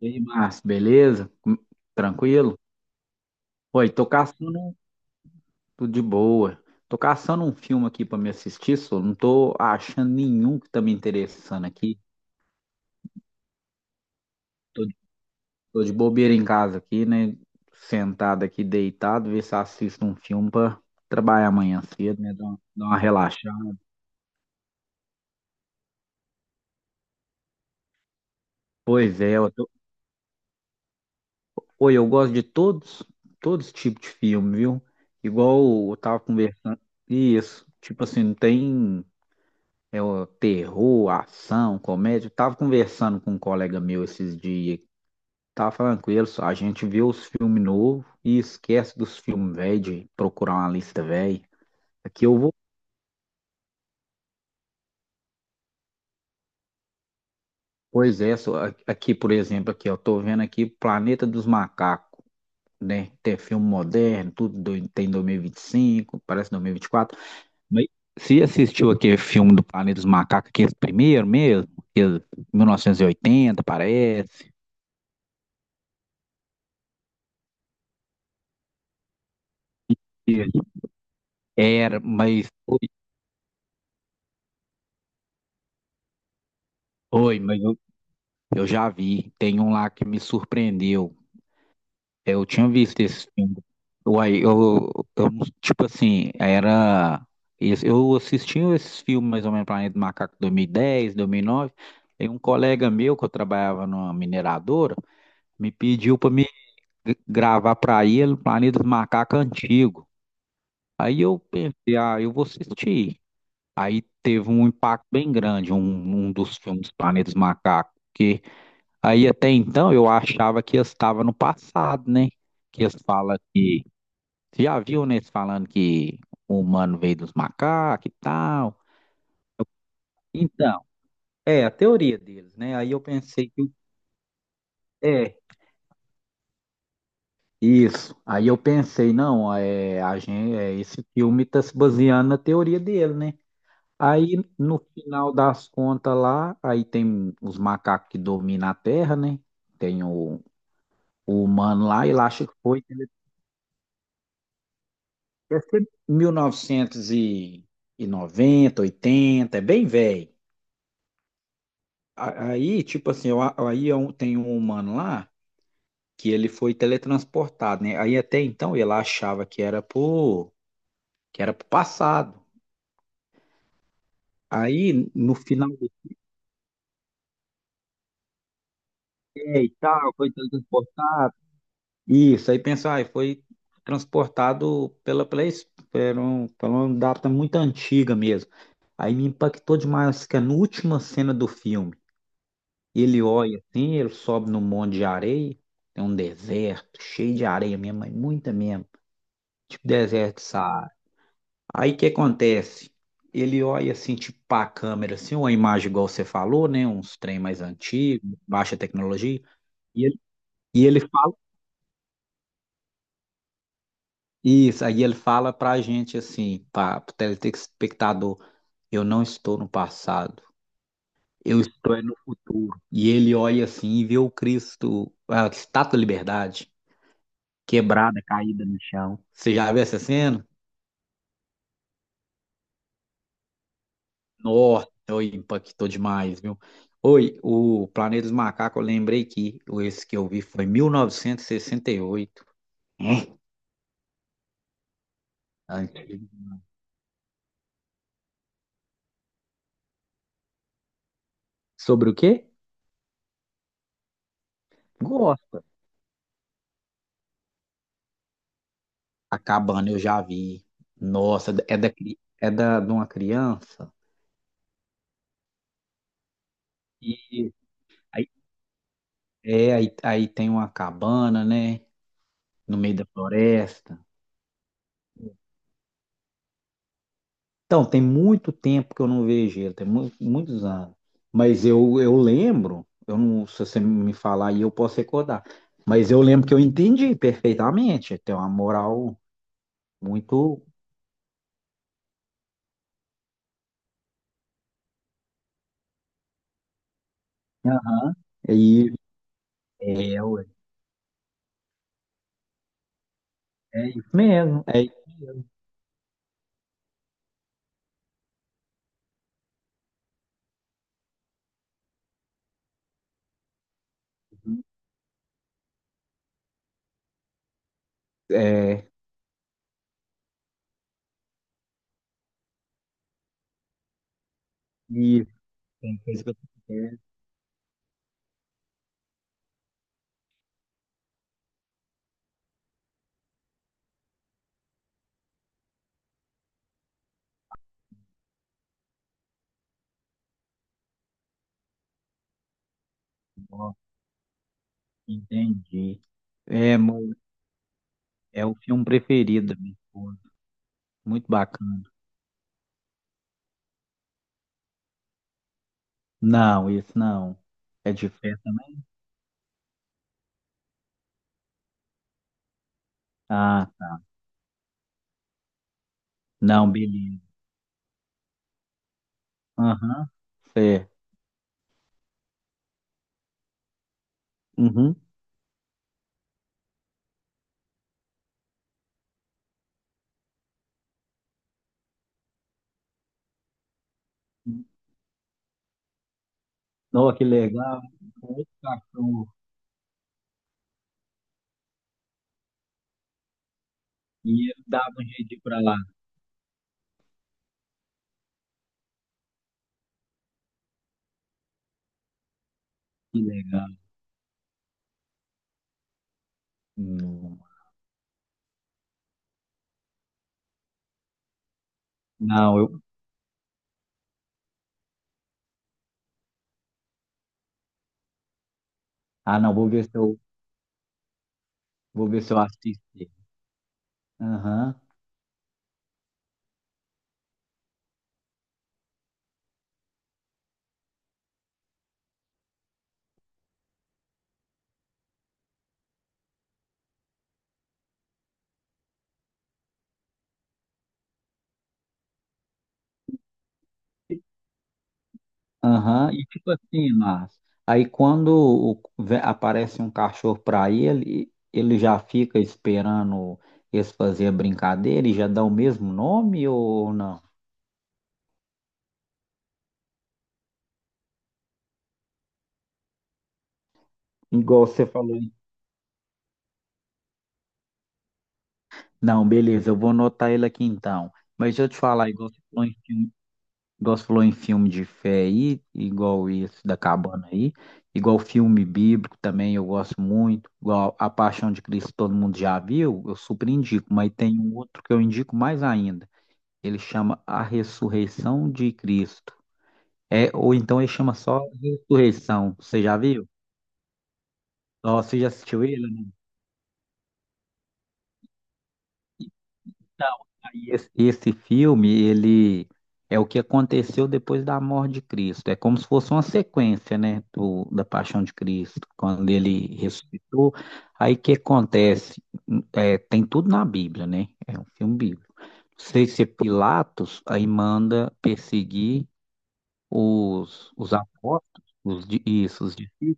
E aí, Márcio, beleza? Com- Tranquilo? Tô caçando tudo de boa. Tô caçando um filme aqui pra me assistir, só não tô achando nenhum que tá me interessando aqui. Tô, de Tô de bobeira em casa aqui, né? Sentado aqui, deitado, ver se assisto um filme pra trabalhar amanhã cedo, né? Dar uma relaxada. Pois é, eu tô- eu gosto de todos, todos os tipos de filme, viu? Igual eu tava conversando. Isso, tipo assim, não tem. É o terror, ação, comédia. Eu tava conversando com um colega meu esses dias. Tava falando com ele, só, a gente vê os filmes novos e esquece dos filmes velhos, de procurar uma lista velha. Aqui eu vou. Pois é, só, a- aqui, por exemplo, aqui, eu tô vendo aqui Planeta dos Macacos, né? Tem filme moderno, tudo do- tem 2025, parece 2024. Mas você assistiu aquele filme do Planeta dos Macacos, aquele primeiro mesmo? Aquele 1980, parece. Era, mas oi, mas eu, eu já vi. Tem um lá que me surpreendeu. Eu tinha visto esse filme. Uai, eu tipo assim, era. Esse- Eu assistia esses filmes mais ou menos Planeta do Macaco 2010, 2009. E dez, dois mil e nove. E um colega meu que eu trabalhava numa mineradora me pediu para me g- gravar para ele o Planeta do Macaco antigo. Aí eu pensei, ah, eu vou assistir. Aí teve um impacto bem grande, um dos filmes Planetas Macacos. Aí até então eu achava que eu estava no passado, né? Que eles falam que. Você já viu, né? Eles falando que o humano veio dos macacos e tal. Então, é a teoria deles, né? Aí eu pensei que. É, isso. Aí eu pensei, não, é, a gente, é, esse filme está se baseando na teoria dele, né? Aí no final das contas lá, aí tem os macacos que dominam a Terra, né? Tem o humano lá, ele acha que foi. Né? Deve ser mil novecentos e noventa, oitenta, é bem velho. A- Aí, tipo assim, eu, aí é um- tem um humano lá que ele foi teletransportado, né? Aí até então ele achava que que era pro passado. Aí, no final do dia e tal, foi teletransportado. Isso, aí pensou, ah, foi transportado es- pela uma data muito antiga mesmo. Aí me impactou demais, que é na última cena do filme. E ele olha assim, ele sobe num monte de areia, tem um deserto cheio de areia mesmo, mas muita mesmo, tipo deserto de Saara. Aí o que acontece? Ele olha assim, tipo para a câmera, assim, uma imagem igual você falou, né? Uns trem mais antigos, baixa tecnologia. E ele, e ele fala isso, aí ele fala pra gente assim, para o telespectador, eu não estou no passado, eu estou é no futuro. E ele olha assim e vê o Cristo, a Estátua da Liberdade. Quebrada, caída no chão. Você já viu essa cena? Nossa, impactou demais, viu? O Planeta dos Macacos, eu lembrei que o- esse que eu vi foi 1968. É? Antigo. Sobre o quê? Gosta. A cabana eu já vi. Nossa, é da, cri- é da, de uma criança. E aí, é, aí, aí tem uma cabana, né? No meio da floresta. Então, tem muito tempo que eu não vejo ele, tem mu- muitos anos. Mas eu lembro, eu não, se você me falar aí, eu posso recordar. Mas eu lembro que eu entendi perfeitamente. Tem uma moral muito. Aham. E é, ué, é isso mesmo. É, é isso. Tem coisa que eu quero, ó, entendi. É, mo- é o filme preferido da minha esposa. Muito bacana. Não, isso não. É de festa, né? Ah, tá. Não, beleza. Aham, sei. Uhum. Nossa, que legal. Com outro cachorro. E ele dava um jeito de ir pra lá. Que legal. Não, Não, eu. Ah, não, vou ver se eu assisto. Ele. Aham, aham. E tipo assim, Márcio, aí quando o- ve- aparece um cachorro pra ele, ele já fica esperando eles fazer a brincadeira e já dá o mesmo nome ou não? Igual você falou. Não, beleza, eu vou anotar ele aqui então. Mas deixa eu te falar, Igual você falou em filme de fé aí, igual esse da cabana aí, igual filme bíblico também eu gosto muito, igual A Paixão de Cristo todo mundo já viu, eu super indico, mas tem um outro que eu indico mais ainda. Ele chama A Ressurreição de Cristo. É, ou então ele chama só Ressurreição. Você já viu? Ó, você já assistiu ele? Então, esse filme, ele é o que aconteceu depois da morte de Cristo. É como se fosse uma sequência, né, do, da Paixão de Cristo, quando ele ressuscitou. Aí o que acontece? É, tem tudo na Bíblia, né? É um filme bíblico. Não sei se é Pilatos, aí manda perseguir os apóstolos, os, di- isso, os discípulos.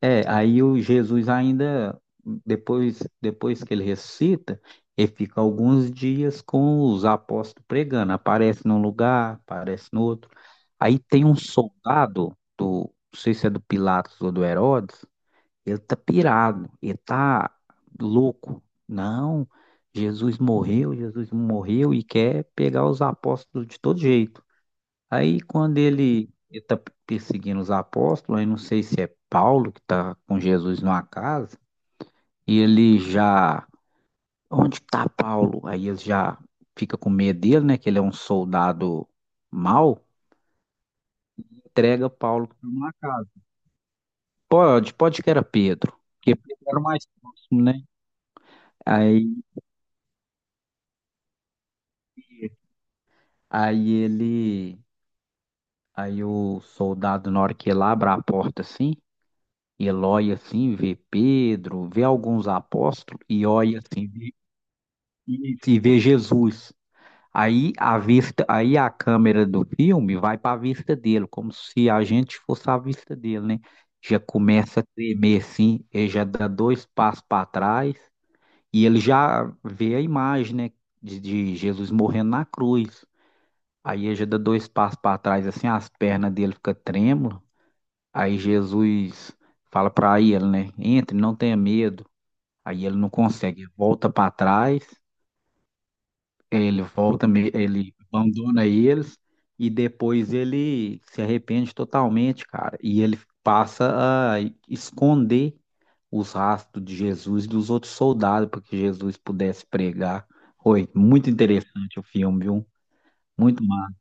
É, aí o Jesus ainda, depois que ele ressuscita, ele fica alguns dias com os apóstolos pregando. Aparece num lugar, aparece no outro. Aí tem um soldado, do, não sei se é do Pilatos ou do Herodes, ele tá louco. Não, Jesus morreu e quer pegar os apóstolos de todo jeito. Aí quando ele está perseguindo os apóstolos, aí não sei se é Paulo que está com Jesus numa casa, e ele já, onde está Paulo? Aí ele já fica com medo dele, né? Que ele é um soldado mau, entrega Paulo que tá numa casa. Pode que era Pedro, porque Pedro era o mais próximo, né? Aí, aí ele, aí o soldado, na hora que ele abre a porta assim, ele olha assim, vê Pedro, vê alguns apóstolos e olha assim, vê. Isso, e vê Jesus. Aí a câmera do filme vai para a vista dele, como se a gente fosse a vista dele, né? Já começa a tremer assim, ele já dá dois passos para trás e ele já vê a imagem, né, de Jesus morrendo na cruz. Aí ele já dá dois passos para trás assim, as pernas dele ficam trêmulas. Aí Jesus fala para ele, né, entre, não tenha medo. Aí ele não consegue, volta para trás. Ele volta, me- ele abandona eles e depois ele se arrepende totalmente, cara. E ele passa a esconder os rastros de Jesus e dos outros soldados para que Jesus pudesse pregar. Foi muito interessante o filme, viu? Muito massa.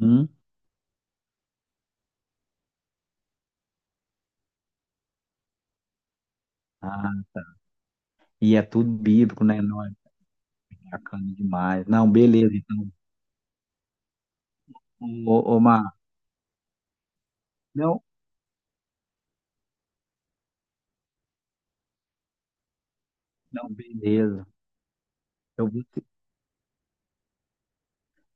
Hum? Ah, e é tudo bíblico, né? Não é bacana demais. Não, beleza, então. Ô, ô, Mar, não, não, beleza. Eu vou,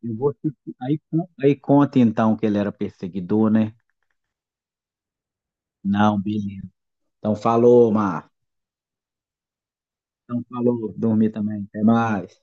eu vou, aí, con- aí conta então que ele era perseguidor, né? Não, beleza. Então falou, Mar. Então falou, dormir também. Até mais.